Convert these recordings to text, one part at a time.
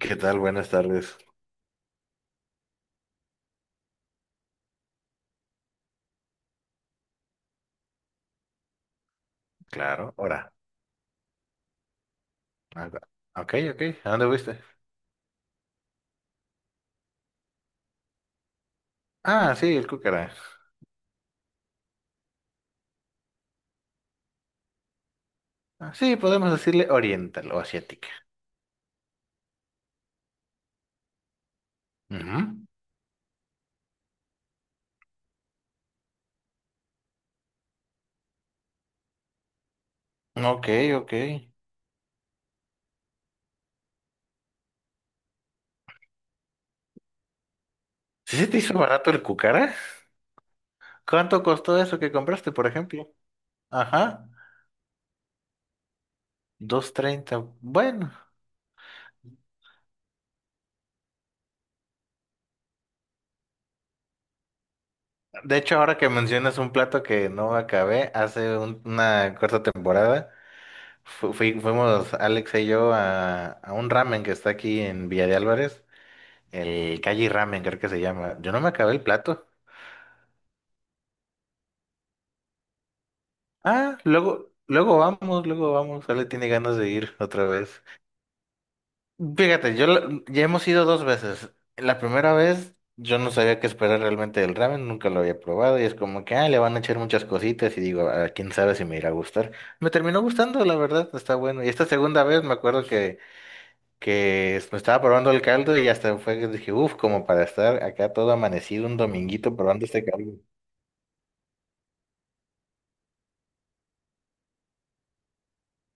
¿Qué tal? Buenas tardes. Claro, Hora. Ok. Ah, ok, ok. ¿A dónde fuiste? Ah, sí, el cúcara. Ah, sí, podemos decirle oriental o asiática. Ujú. Ok, ok. ¿Sí se te hizo barato el cúcara? ¿Cuánto costó eso que compraste, por ejemplo? Ajá, 230. Bueno, de hecho, ahora que mencionas un plato que no acabé, hace una corta temporada fuimos Alex y yo a un ramen que está aquí en Villa de Álvarez. El Calle Ramen, creo que se llama. Yo no me acabé el plato. Ah, luego, luego vamos, luego vamos. Ale tiene ganas de ir otra vez. Fíjate, yo ya hemos ido dos veces. La primera vez yo no sabía qué esperar realmente del ramen, nunca lo había probado y es como que ah, le van a echar muchas cositas y digo, "Ah, quién sabe si me irá a gustar". Me terminó gustando, la verdad, está bueno. Y esta segunda vez me acuerdo que, me estaba probando el caldo y hasta fue que dije, uff, como para estar acá todo amanecido un dominguito probando este caldo.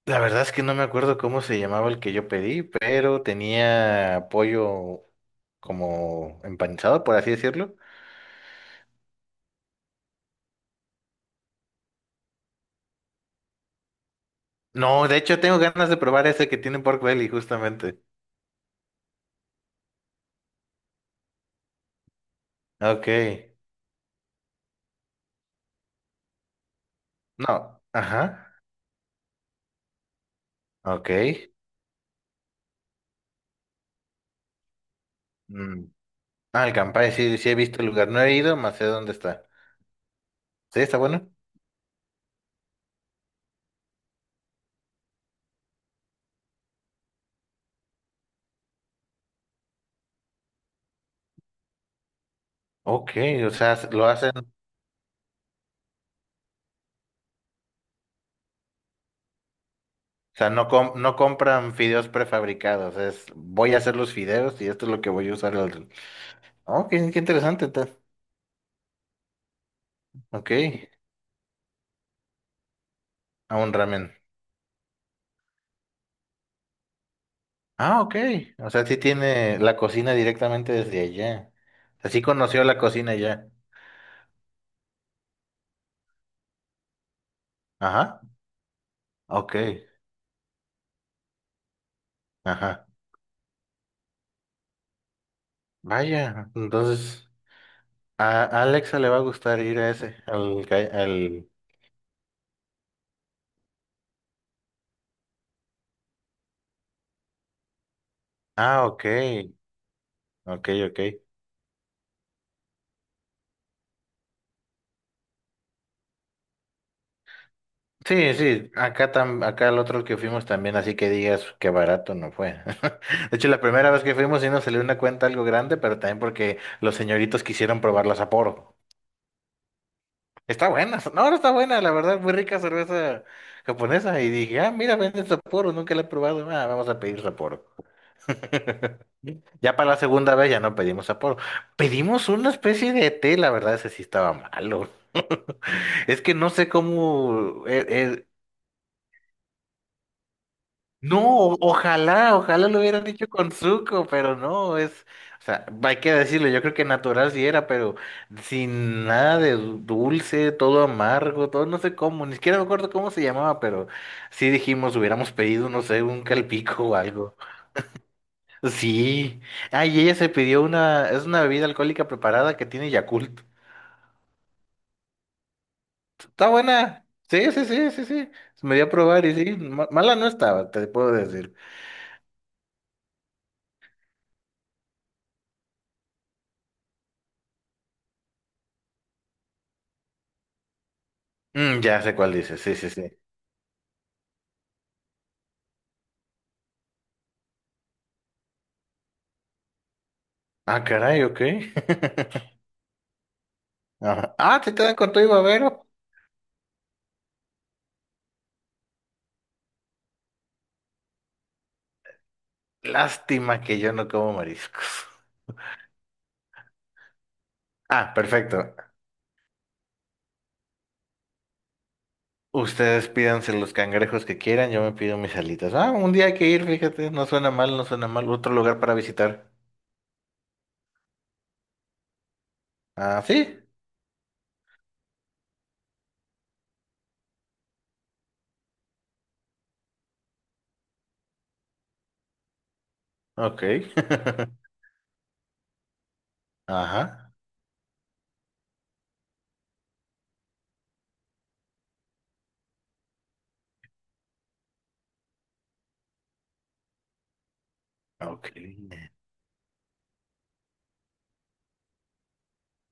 La verdad es que no me acuerdo cómo se llamaba el que yo pedí, pero tenía pollo como empanizado, por así decirlo. No, de hecho tengo ganas de probar ese que tiene pork belly, justamente. Ok. No, ajá. Ok. Mm. Ah, el Campari, sí, sí he visto el lugar. No he ido, más sé dónde está. Sí, está bueno. Ok, o sea, lo hacen, o sea, no, no compran fideos prefabricados, es voy a hacer los fideos y esto es lo que voy a usar. Ok, qué interesante. Ok. A un ramen. Ah, ok. O sea, sí tiene la cocina directamente desde allá. O sea, sí conoció la cocina allá. Ajá. Ok. Ajá. Vaya. Entonces, a Alexa le va a gustar ir a ese, Ah, ok. Ok, ok. Sí, sí. Acá el otro que fuimos también, así que digas que barato no fue. De hecho, la primera vez que fuimos sí nos salió una cuenta algo grande, pero también porque los señoritos quisieron probar la Sapporo. Está buena, no, no está buena, la verdad, muy rica cerveza japonesa. Y dije, ah, mira, venden Sapporo, nunca la he probado. Ah, vamos a pedir Sapporo. Ya para la segunda vez ya no pedimos Sapporo. Pedimos una especie de té, la verdad, ese sí estaba malo. Es que no sé cómo no, ojalá, ojalá lo hubieran hecho con Zuko, pero no, es, o sea, hay que decirlo, yo creo que natural sí era, pero sin nada de dulce, todo amargo, todo no sé cómo, ni siquiera me acuerdo cómo se llamaba, pero sí dijimos, hubiéramos pedido, no sé, un calpico o algo. Sí, ay, ella se pidió una, es una bebida alcohólica preparada que tiene Yakult. Está buena, sí, sí, sí, sí, sí, me dio a probar y sí, mala no estaba, te puedo decir. Mm, ya sé cuál dices, sí, sí, sí. Ah, caray, ok. Ajá. Ah, te quedan con todo y babero. Lástima que yo no como mariscos. Ah, perfecto. Ustedes pídanse los cangrejos que quieran, yo me pido mis alitas. Ah, un día hay que ir, fíjate, no suena mal, no suena mal. Otro lugar para visitar. Ah, sí. Ok. Ajá. Ok.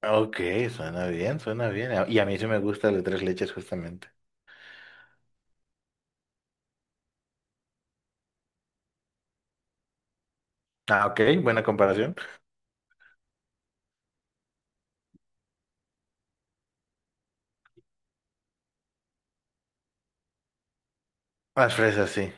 Ok, suena bien, suena bien. Ah, y a mí sí me gusta el de tres leches, justamente. Ah, ok, buena comparación. Las fresas, sí.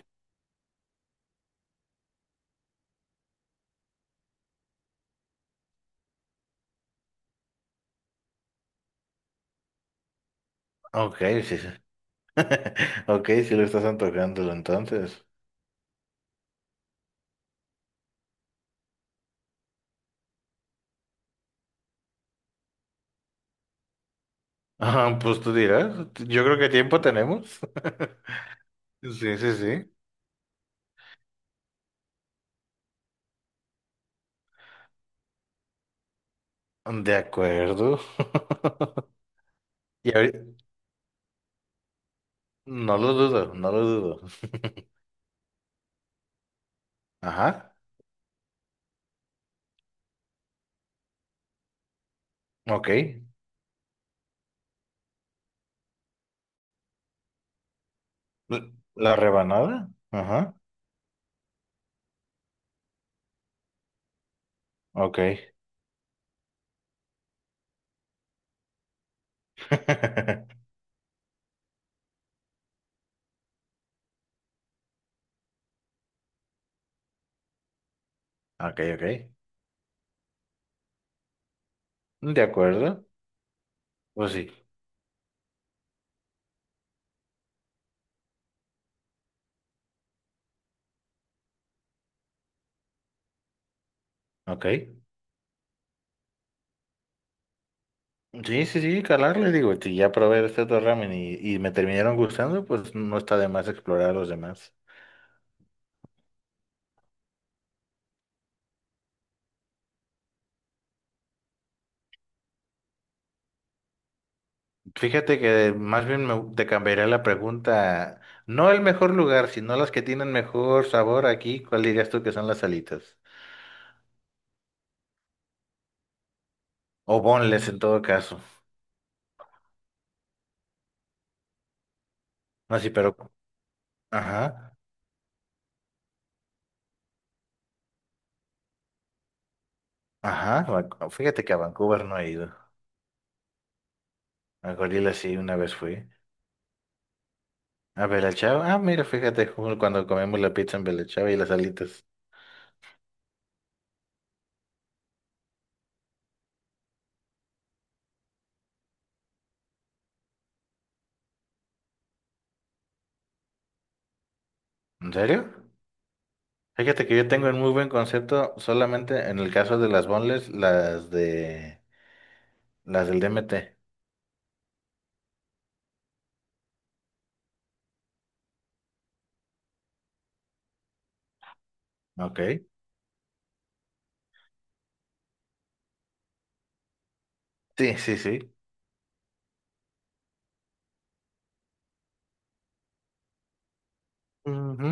Ok, sí, sí. Ok, si lo estás antojándolo entonces. Ah, pues tú dirás, yo creo que tiempo tenemos. Sí, sí, sí. De acuerdo. Y ahorita, no lo dudo, no lo dudo. Ajá, ok. La rebanada, ajá, ok. Ok, ok. De acuerdo, pues sí, ok. Sí, sí, sí, calarle, digo, si ya probé este otro ramen y me terminaron gustando, pues no está de más explorar los demás. Fíjate que más bien te cambiaría la pregunta. No el mejor lugar, sino las que tienen mejor sabor aquí. ¿Cuál dirías tú que son las alitas? O boneless en todo caso. No, sí, pero... Ajá, ajá. Fíjate que a Vancouver no he ido. A Gorila sí, una vez fui. A Bella Chao. Ah, mira, fíjate, cuando comemos la pizza en Bella Chao y las alitas. ¿En serio? Fíjate que yo tengo un muy buen concepto solamente en el caso de las boneless, las de... las del DMT. Ok. Sí, sí, sí. Ujú.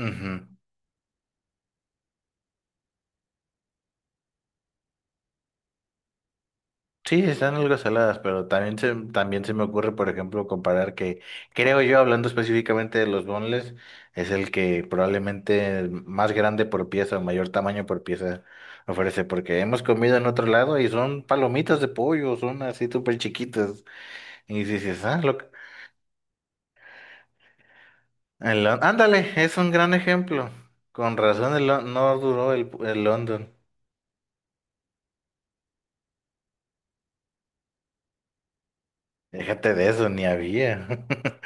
Ujú. Sí, están algo saladas, pero también se me ocurre, por ejemplo, comparar que, creo yo, hablando específicamente de los boneless, es el que probablemente más grande por pieza o mayor tamaño por pieza ofrece, porque hemos comido en otro lado y son palomitas de pollo, son así súper chiquitas. Y dices, ah, lo, el ándale, es un gran ejemplo. Con razón el Lon- no duró el London. Déjate de eso, ni había.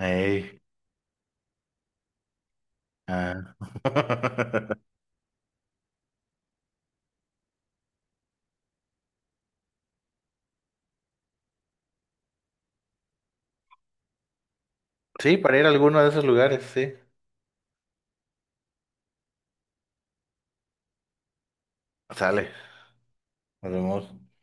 Ey. Ah. Sí, para ir a alguno de esos lugares, sí. Sale, nos vemos.